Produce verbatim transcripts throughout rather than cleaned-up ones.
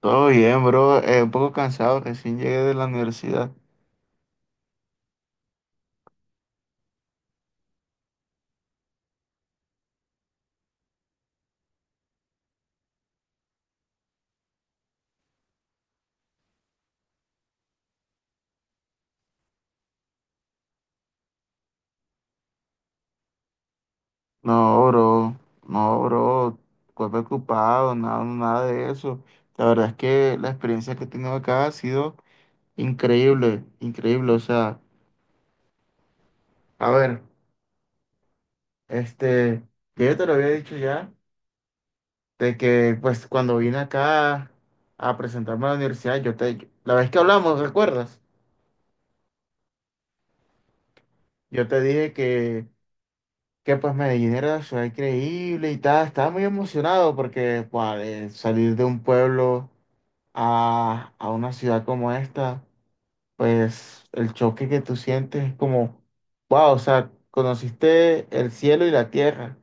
Todo bien, bro. Eh, un poco cansado, recién llegué de la universidad. No, bro, no, bro. Cuerpo ocupado, nada, nada de eso. La verdad es que la experiencia que he tenido acá ha sido increíble, increíble. O sea, a ver, este, yo te lo había dicho ya, de que pues cuando vine acá a presentarme a la universidad, yo te, la vez que hablamos, ¿recuerdas? Yo te dije que que pues Medellín era una ciudad increíble y tal. Estaba muy emocionado porque pues, eh, salir de un pueblo a, a una ciudad como esta, pues el choque que tú sientes es como, wow, o sea, conociste el cielo y la tierra.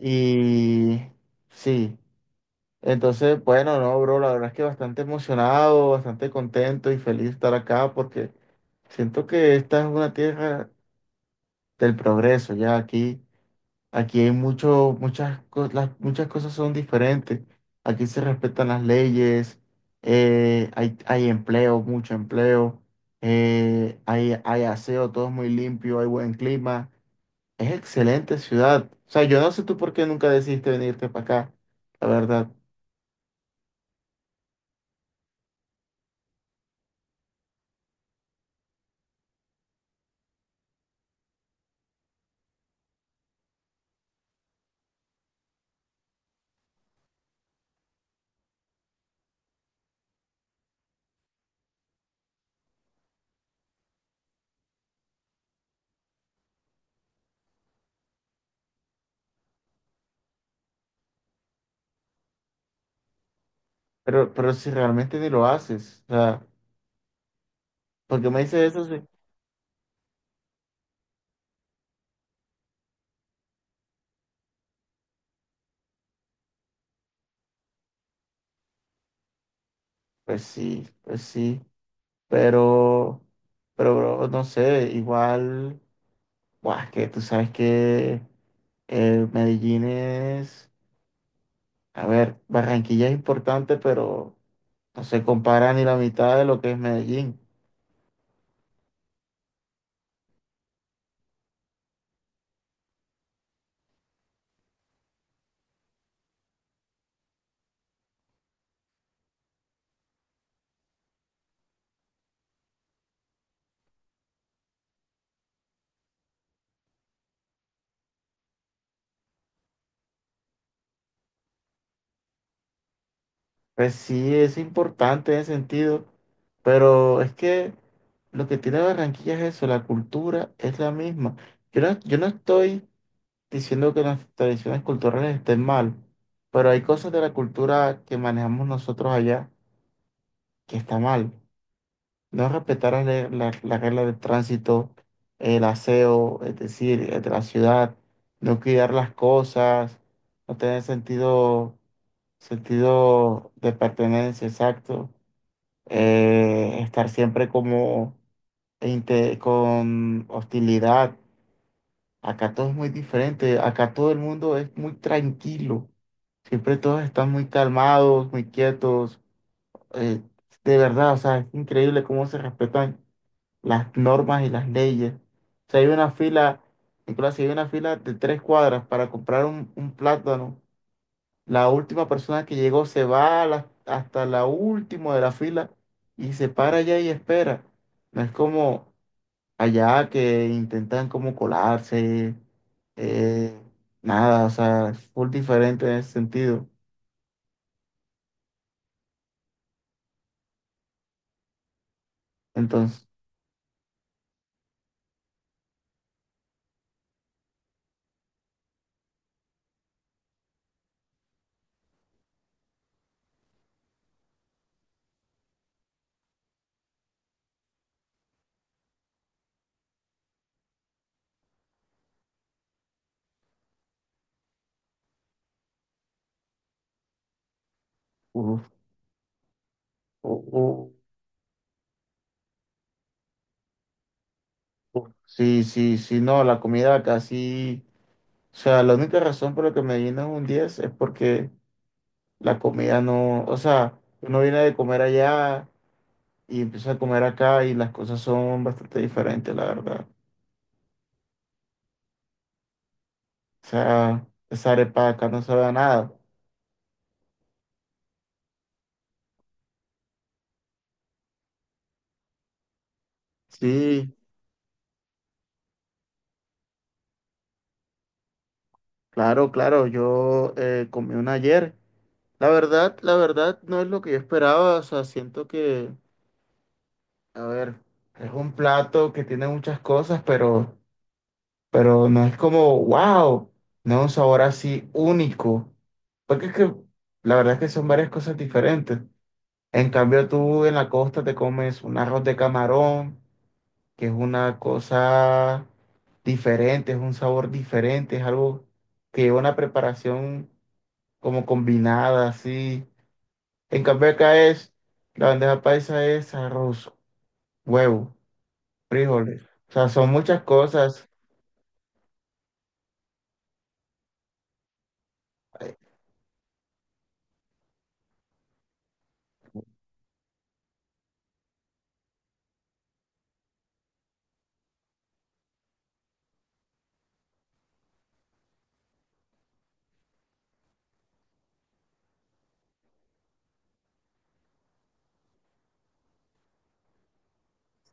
Y sí, entonces, bueno, no, bro, la verdad es que bastante emocionado, bastante contento y feliz de estar acá porque siento que esta es una tierra del progreso, ya aquí. Aquí hay mucho, muchas, co- las, muchas cosas son diferentes. Aquí se respetan las leyes, eh, hay, hay empleo, mucho empleo, eh, hay, hay aseo, todo es muy limpio, hay buen clima. Es excelente ciudad. O sea, yo no sé tú por qué nunca decidiste venirte para acá, la verdad. Pero, pero si realmente ni lo haces, o sea, porque me dices eso, sí. Pues sí, pues sí, pero, pero bro, no sé, igual. Buah, es que tú sabes que eh, Medellín es, a ver, Barranquilla es importante, pero no se compara ni la mitad de lo que es Medellín. Pues sí, es importante en ese sentido, pero es que lo que tiene Barranquilla es eso, la cultura es la misma. Yo no, yo no estoy diciendo que las tradiciones culturales estén mal, pero hay cosas de la cultura que manejamos nosotros allá que está mal. No respetar la, le- la- la regla de tránsito, el aseo, es decir, eh, de la ciudad, no cuidar las cosas, no tener sentido, sentido de pertenencia, exacto, eh, estar siempre como inte- con hostilidad. Acá todo es muy diferente, acá todo el mundo es muy tranquilo, siempre todos están muy calmados, muy quietos, eh, de verdad, o sea, es increíble cómo se respetan las normas y las leyes. Si hay una fila, Nicolás, si hay una fila de tres cuadras para comprar un, un plátano, la última persona que llegó se va a la- hasta la última de la fila y se para allá y espera. No es como allá que intentan como colarse, eh, nada, o sea, es full diferente en ese sentido. Entonces, uf, uf, uf, uf. Sí, sí, sí, no, la comida casi. O sea, la única razón por la que Medellín es un diez es porque la comida no, o sea, uno viene de comer allá y empieza a comer acá y las cosas son bastante diferentes, la verdad. O sea, esa arepa de acá no sabe a nada. Sí, claro, claro, yo eh, comí una ayer. La verdad, la verdad no es lo que yo esperaba, o sea, siento que, a ver, es un plato que tiene muchas cosas, pero... pero no es como, wow, no, un sabor así único. Porque es que la verdad es que son varias cosas diferentes. En cambio, tú en la costa te comes un arroz de camarón, que es una cosa diferente, es un sabor diferente, es algo que lleva una preparación como combinada, así. En cambio, acá es, la bandeja paisa es arroz, huevo, frijoles. O sea, son muchas cosas. Ay,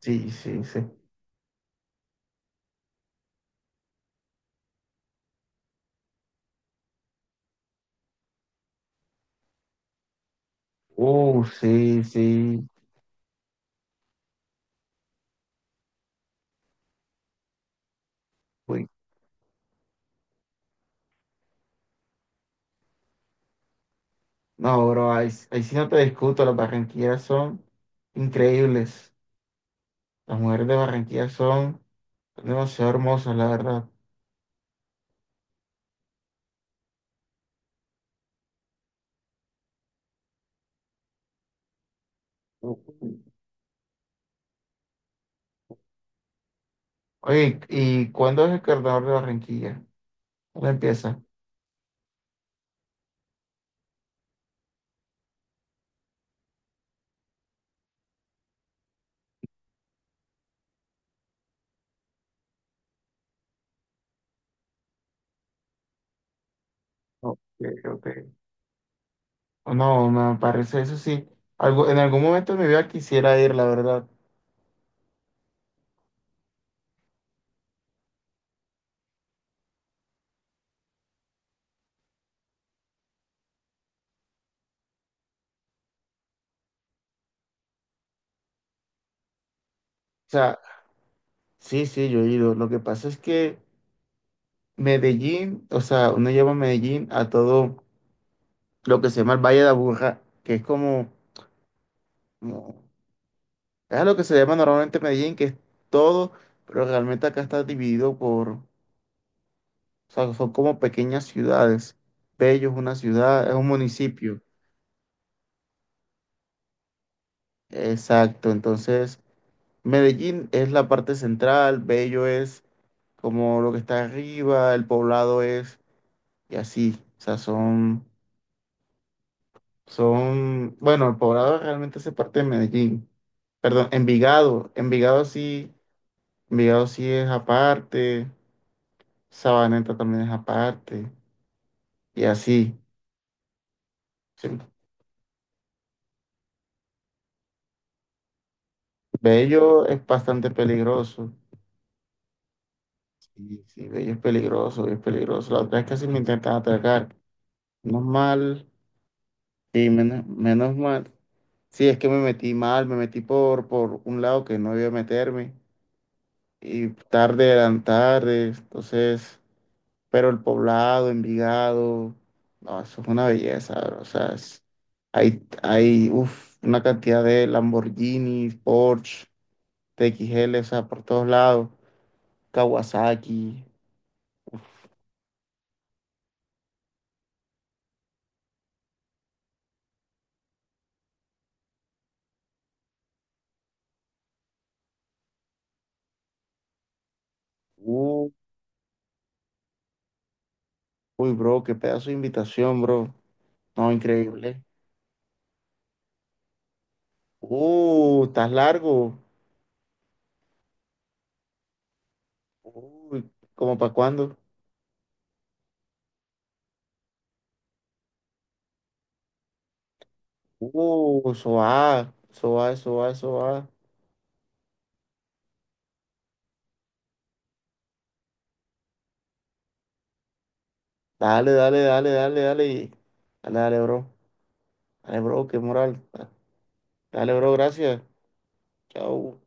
sí, sí, sí. Uh, sí, sí. Uy, no, bro, ahí, ahí sí no te discuto. Las barranquillas son increíbles. Las mujeres de Barranquilla son demasiado hermosas, la verdad. Oye, ¿y cuándo es el carnaval de Barranquilla? ¿Cuándo empieza? Ok, ok. No, me parece eso sí. Algo, en algún momento de mi vida quisiera ir, la verdad. O sea, sí, sí, yo he ido. Lo que pasa es que Medellín, o sea, uno lleva a Medellín a todo. Lo que se llama el Valle de Aburrá, que es como, como- es a lo que se llama normalmente Medellín, que es todo, pero realmente acá está dividido por, o sea, son como pequeñas ciudades. Bello es una ciudad, es un municipio. Exacto, entonces Medellín es la parte central, Bello es como lo que está arriba, el poblado es, y así, o sea, son, son, bueno, el poblado realmente hace parte de Medellín. Perdón, Envigado. Envigado sí Vigado sí es aparte, Sabaneta también es aparte, y así. Sí. Bello es bastante peligroso. Sí, sí, Bello es peligroso, Bello es peligroso. La otra vez casi me intentan atracar. Menos mal, sí, menos, menos mal. Sí, es que me metí mal, me metí por, por un lado que no debía meterme, y tarde eran tarde, entonces. Pero el Poblado, Envigado, no, eso es una belleza, bro. O sea, es- hay, hay uf, una cantidad de Lamborghini, Porsche, T X L, o sea, por todos lados, Kawasaki. Uh, uy, bro, qué pedazo de invitación, bro. No, increíble. Uh, estás largo. Uy, ¿cómo para cuándo? Uh, eso va, eso va, eso va, eso va. Dale, dale, dale, dale, dale. Dale, dale, bro. Dale, bro, qué moral. Dale, bro, gracias. Chao.